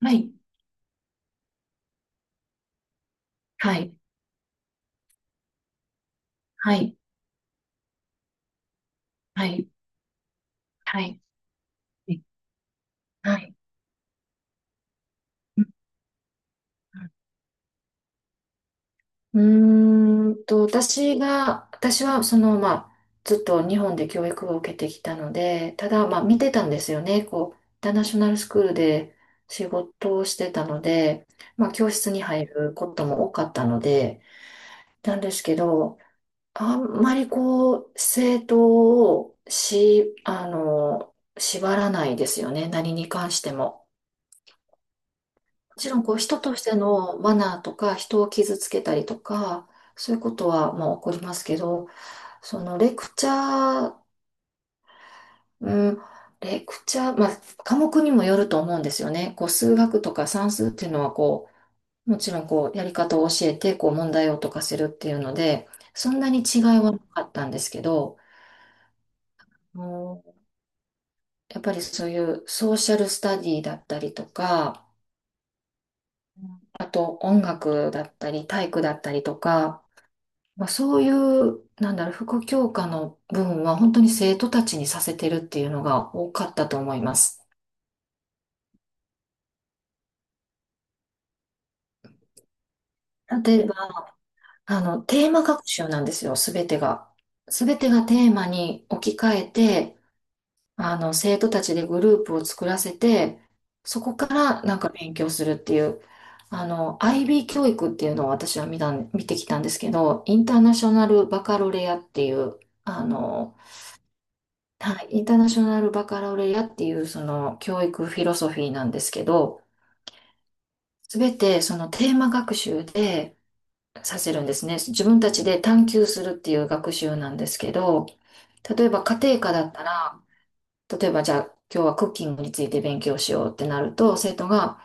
はい。はい。はい。はい。はい。はい。うん。私はその、まあ、ずっと日本で教育を受けてきたので、ただ、まあ、見てたんですよね。こう、インターナショナルスクールで仕事をしてたので、まあ、教室に入ることも多かったので。なんですけど、あんまりこう、生徒をし、あの、縛らないですよね。何に関しても。もちろんこう人としてのマナーとか人を傷つけたりとかそういうことはまあ起こりますけど、そのレクチャー、うん、まあ、科目にもよると思うんですよね。こう数学とか算数っていうのはこうもちろんこうやり方を教えてこう問題を解かせるっていうので、そんなに違いはなかったんですけど、うん、やっぱりそういうソーシャルスタディだったりとか、あと音楽だったり体育だったりとか、まあ、そういう、なんだろう、副教科の部分は本当に生徒たちにさせてるっていうのが多かったと思います。例えば、あの、テーマ学習なんですよ、すべてが。すべてがテーマに置き換えて、あの、生徒たちでグループを作らせて、そこからなんか勉強するっていう、あの、IB 教育っていうのを私は見てきたんですけど、インターナショナルバカロレアっていう、あの、はい、インターナショナルバカラオレアっていうその教育フィロソフィーなんですけど、すべてそのテーマ学習でさせるんですね。自分たちで探求するっていう学習なんですけど、例えば家庭科だったら、例えばじゃあ今日はクッキングについて勉強しようってなると、生徒が、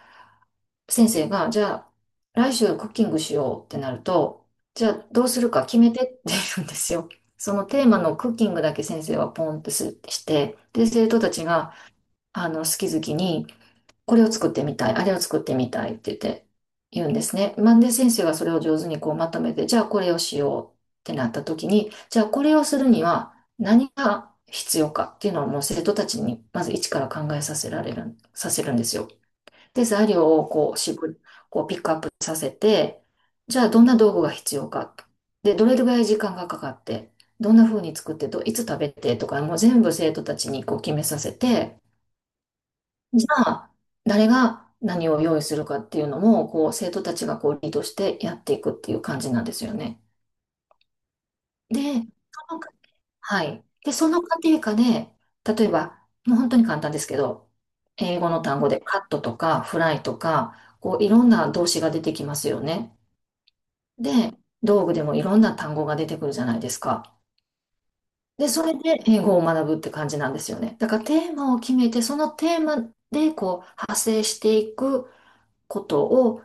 先生が、じゃあ来週クッキングしようってなると、じゃあどうするか決めてって言うんですよ。そのテーマのクッキングだけ先生はポンとすして、で、生徒たちが、あの、好き好きに、これを作ってみたい、あれを作ってみたいって言って、言うんですね。マンデ先生がそれを上手にこうまとめて、じゃあこれをしようってなった時に、じゃあこれをするには何が必要かっていうのをもう生徒たちにまず一から考えさせられる、させるんですよ。で、材料をこう絞り、こうピックアップさせて、じゃあどんな道具が必要か。で、どれぐらい時間がかかって、どんな風に作ってと、いつ食べてとか、もう全部生徒たちにこう決めさせて、じゃあ、誰が何を用意するかっていうのも、こう、生徒たちがこう、リードしてやっていくっていう感じなんですよね。で、その過はい。で、その過程下で、例えば、もう本当に簡単ですけど、英語の単語でカットとかフライとか、こう、いろんな動詞が出てきますよね。で、道具でもいろんな単語が出てくるじゃないですか。で、それで英語を学ぶって感じなんですよね。だからテーマを決めて、そのテーマでこう、派生していくことを、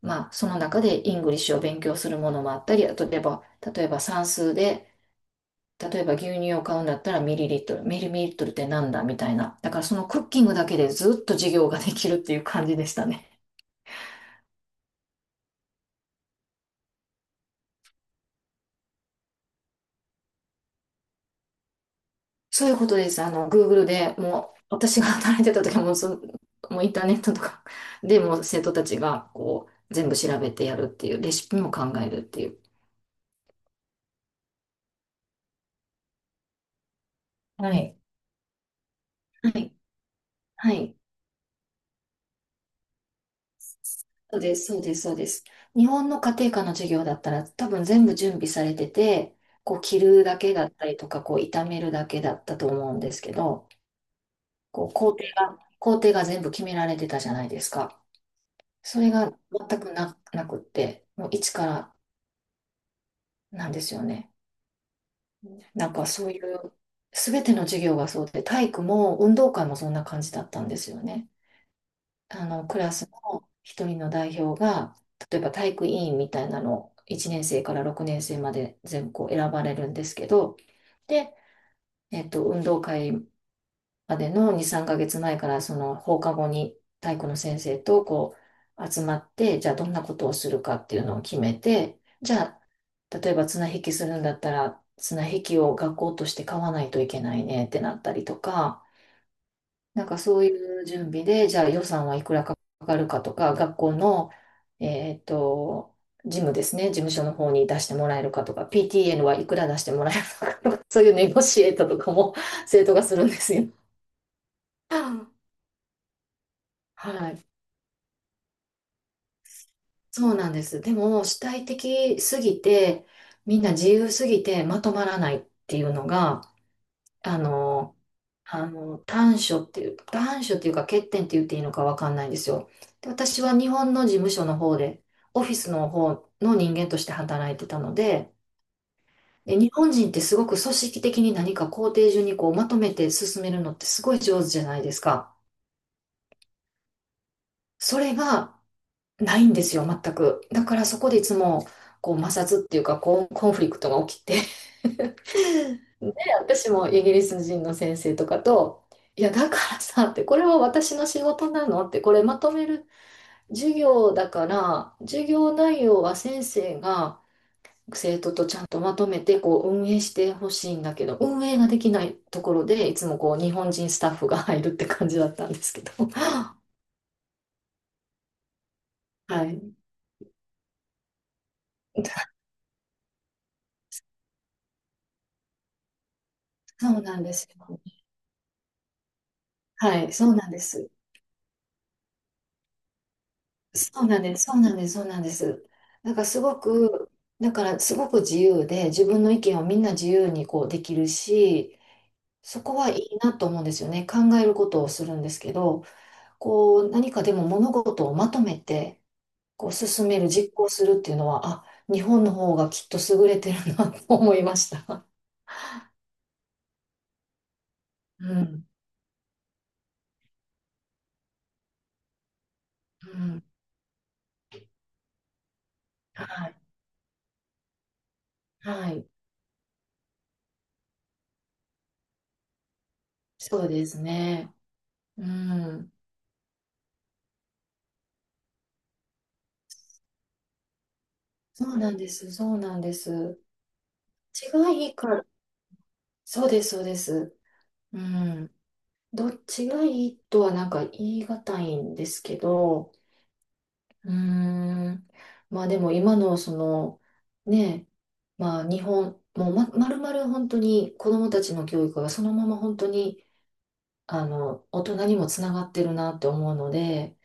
まあ、その中でイングリッシュを勉強するものもあったり、あと例えば、例えば算数で、例えば牛乳を買うんだったらミリリットルってなんだみたいな。だからそのクッキングだけでずっと授業ができるっていう感じでしたね。そういうことです。あの、Google でもう、私が働いてた時はもうインターネットとかでもう生徒たちがこう、全部調べてやるっていう、レシピも考えるっていう。はい。はい。はい。そうです、そうです、そうです。日本の家庭科の授業だったら多分全部準備されてて、こう着るだけだったりとか、こう炒めるだけだったと思うんですけど、こう工程が全部決められてたじゃないですか。それが全くな、なくって、もう一からなんですよね。なんかそういう、すべての授業がそうで、体育も運動会もそんな感じだったんですよね。あの、クラスの一人の代表が、例えば体育委員みたいなのを1年生から6年生まで全校選ばれるんですけど、で、運動会までの2、3ヶ月前からその放課後に体育の先生とこう集まって、じゃあどんなことをするかっていうのを決めて、じゃあ例えば綱引きするんだったら綱引きを学校として買わないといけないねってなったりとか、なんかそういう準備で、じゃあ予算はいくらかかるかとか、学校の、えっと、事務ですね、事務所の方に出してもらえるかとか、PTN はいくら出してもらえるのかとか、そういうネゴシエートとかも 生徒がするんですよ。はい。そうなんです。でも、主体的すぎて、みんな自由すぎてまとまらないっていうのが、あの、あの、短所っていうか欠点って言っていいのかわかんないんですよ。で、私は日本の事務所の方で、オフィスの方の人間として働いてたので、で、日本人ってすごく組織的に何か工程順にこうまとめて進めるのってすごい上手じゃないですか。それがないんですよ、全く。だからそこでいつもこう摩擦っていうかこうコンフリクトが起きて。 私もイギリス人の先生とかと、いや、だからさ、って、これは私の仕事なのって、これまとめる授業だから、授業内容は先生が生徒とちゃんとまとめてこう運営してほしいんだけど、運営ができないところで、いつもこう日本人スタッフが入るって感じだったんですけど。はい。そうなんですよ。はい、そうなんです。そうなんです、そうなんです、そうなんです。なんかすごく、だからすごく自由で、自分の意見をみんな自由にこうできるし、そこはいいなと思うんですよね。考えることをするんですけど、こう、何かでも物事をまとめて、こう、進める、実行するっていうのは、あ、日本の方がきっと優れてるなと思いました。うん。うん。はい。はい。そうですね。うん。そうなんです。そうなんです。違がいいから。そうです。そうです。うん。どっちがいいとはなんか言い難いんですけど、うーん。まあでも今のその、ねえ、まあ日本、もうま、まるまる本当に子どもたちの教育がそのまま本当に、あの、大人にもつながってるなって思うので、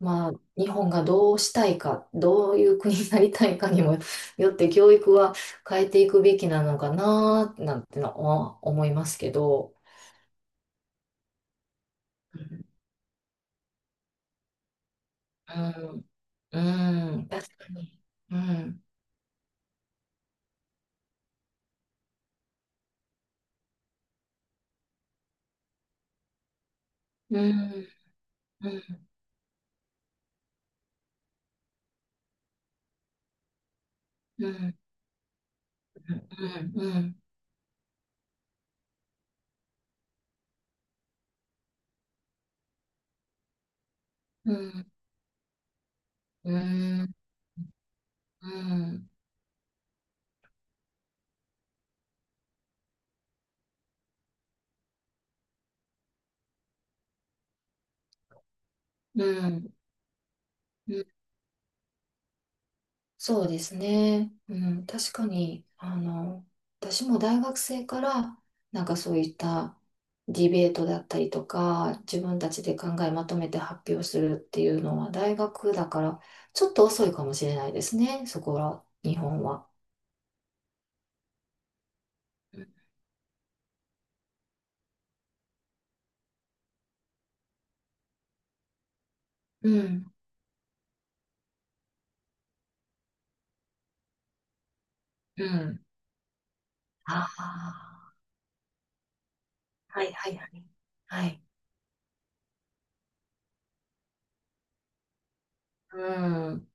まあ日本がどうしたいか、どういう国になりたいかにも よって教育は変えていくべきなのかな、なんてのは思いますけど。うん、うん、うん確かに。うん、うん、うん、うん、うん、うん。うんうん、うん、うん、うん、うんそうですね。うん、確かに、あの、私も大学生から、なんかそういったディベートだったりとか、自分たちで考えまとめて発表するっていうのは、大学だから、ちょっと遅いかもしれないですね、そこは、日本は。うん、うん。ああ、はい、はい、はい。はい。うん。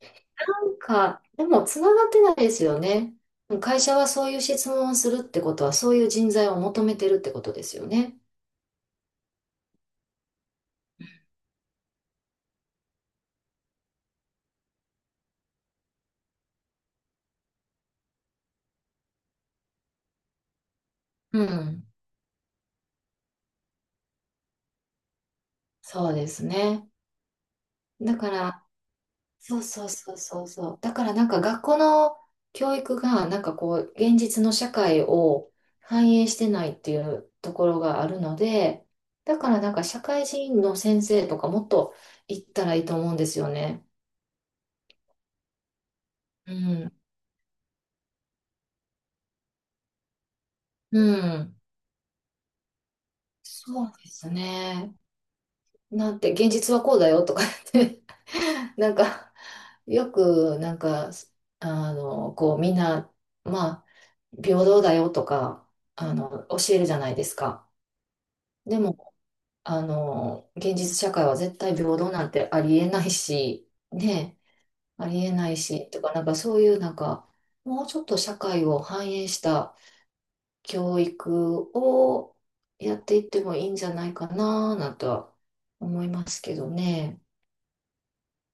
なんか、でもつながってないですよね。会社はそういう質問をするってことは、そういう人材を求めてるってことですよね。うん。そうですね。だから、そうそうそうそうそう。だからなんか学校の教育が、なんかこう、現実の社会を反映してないっていうところがあるので、だからなんか社会人の先生とかもっと行ったらいいと思うんですよね。うん。うん。そうですね。なんて、現実はこうだよとか言って。 なんか、よく、なんか、あの、こう、みんな、まあ、平等だよとか、あの、教えるじゃないですか。でも、あの、現実社会は絶対平等なんてありえないし、ね、ありえないし、とか、なんかそういう、なんか、もうちょっと社会を反映した教育をやっていってもいいんじゃないかな、なんとは思いますけどね。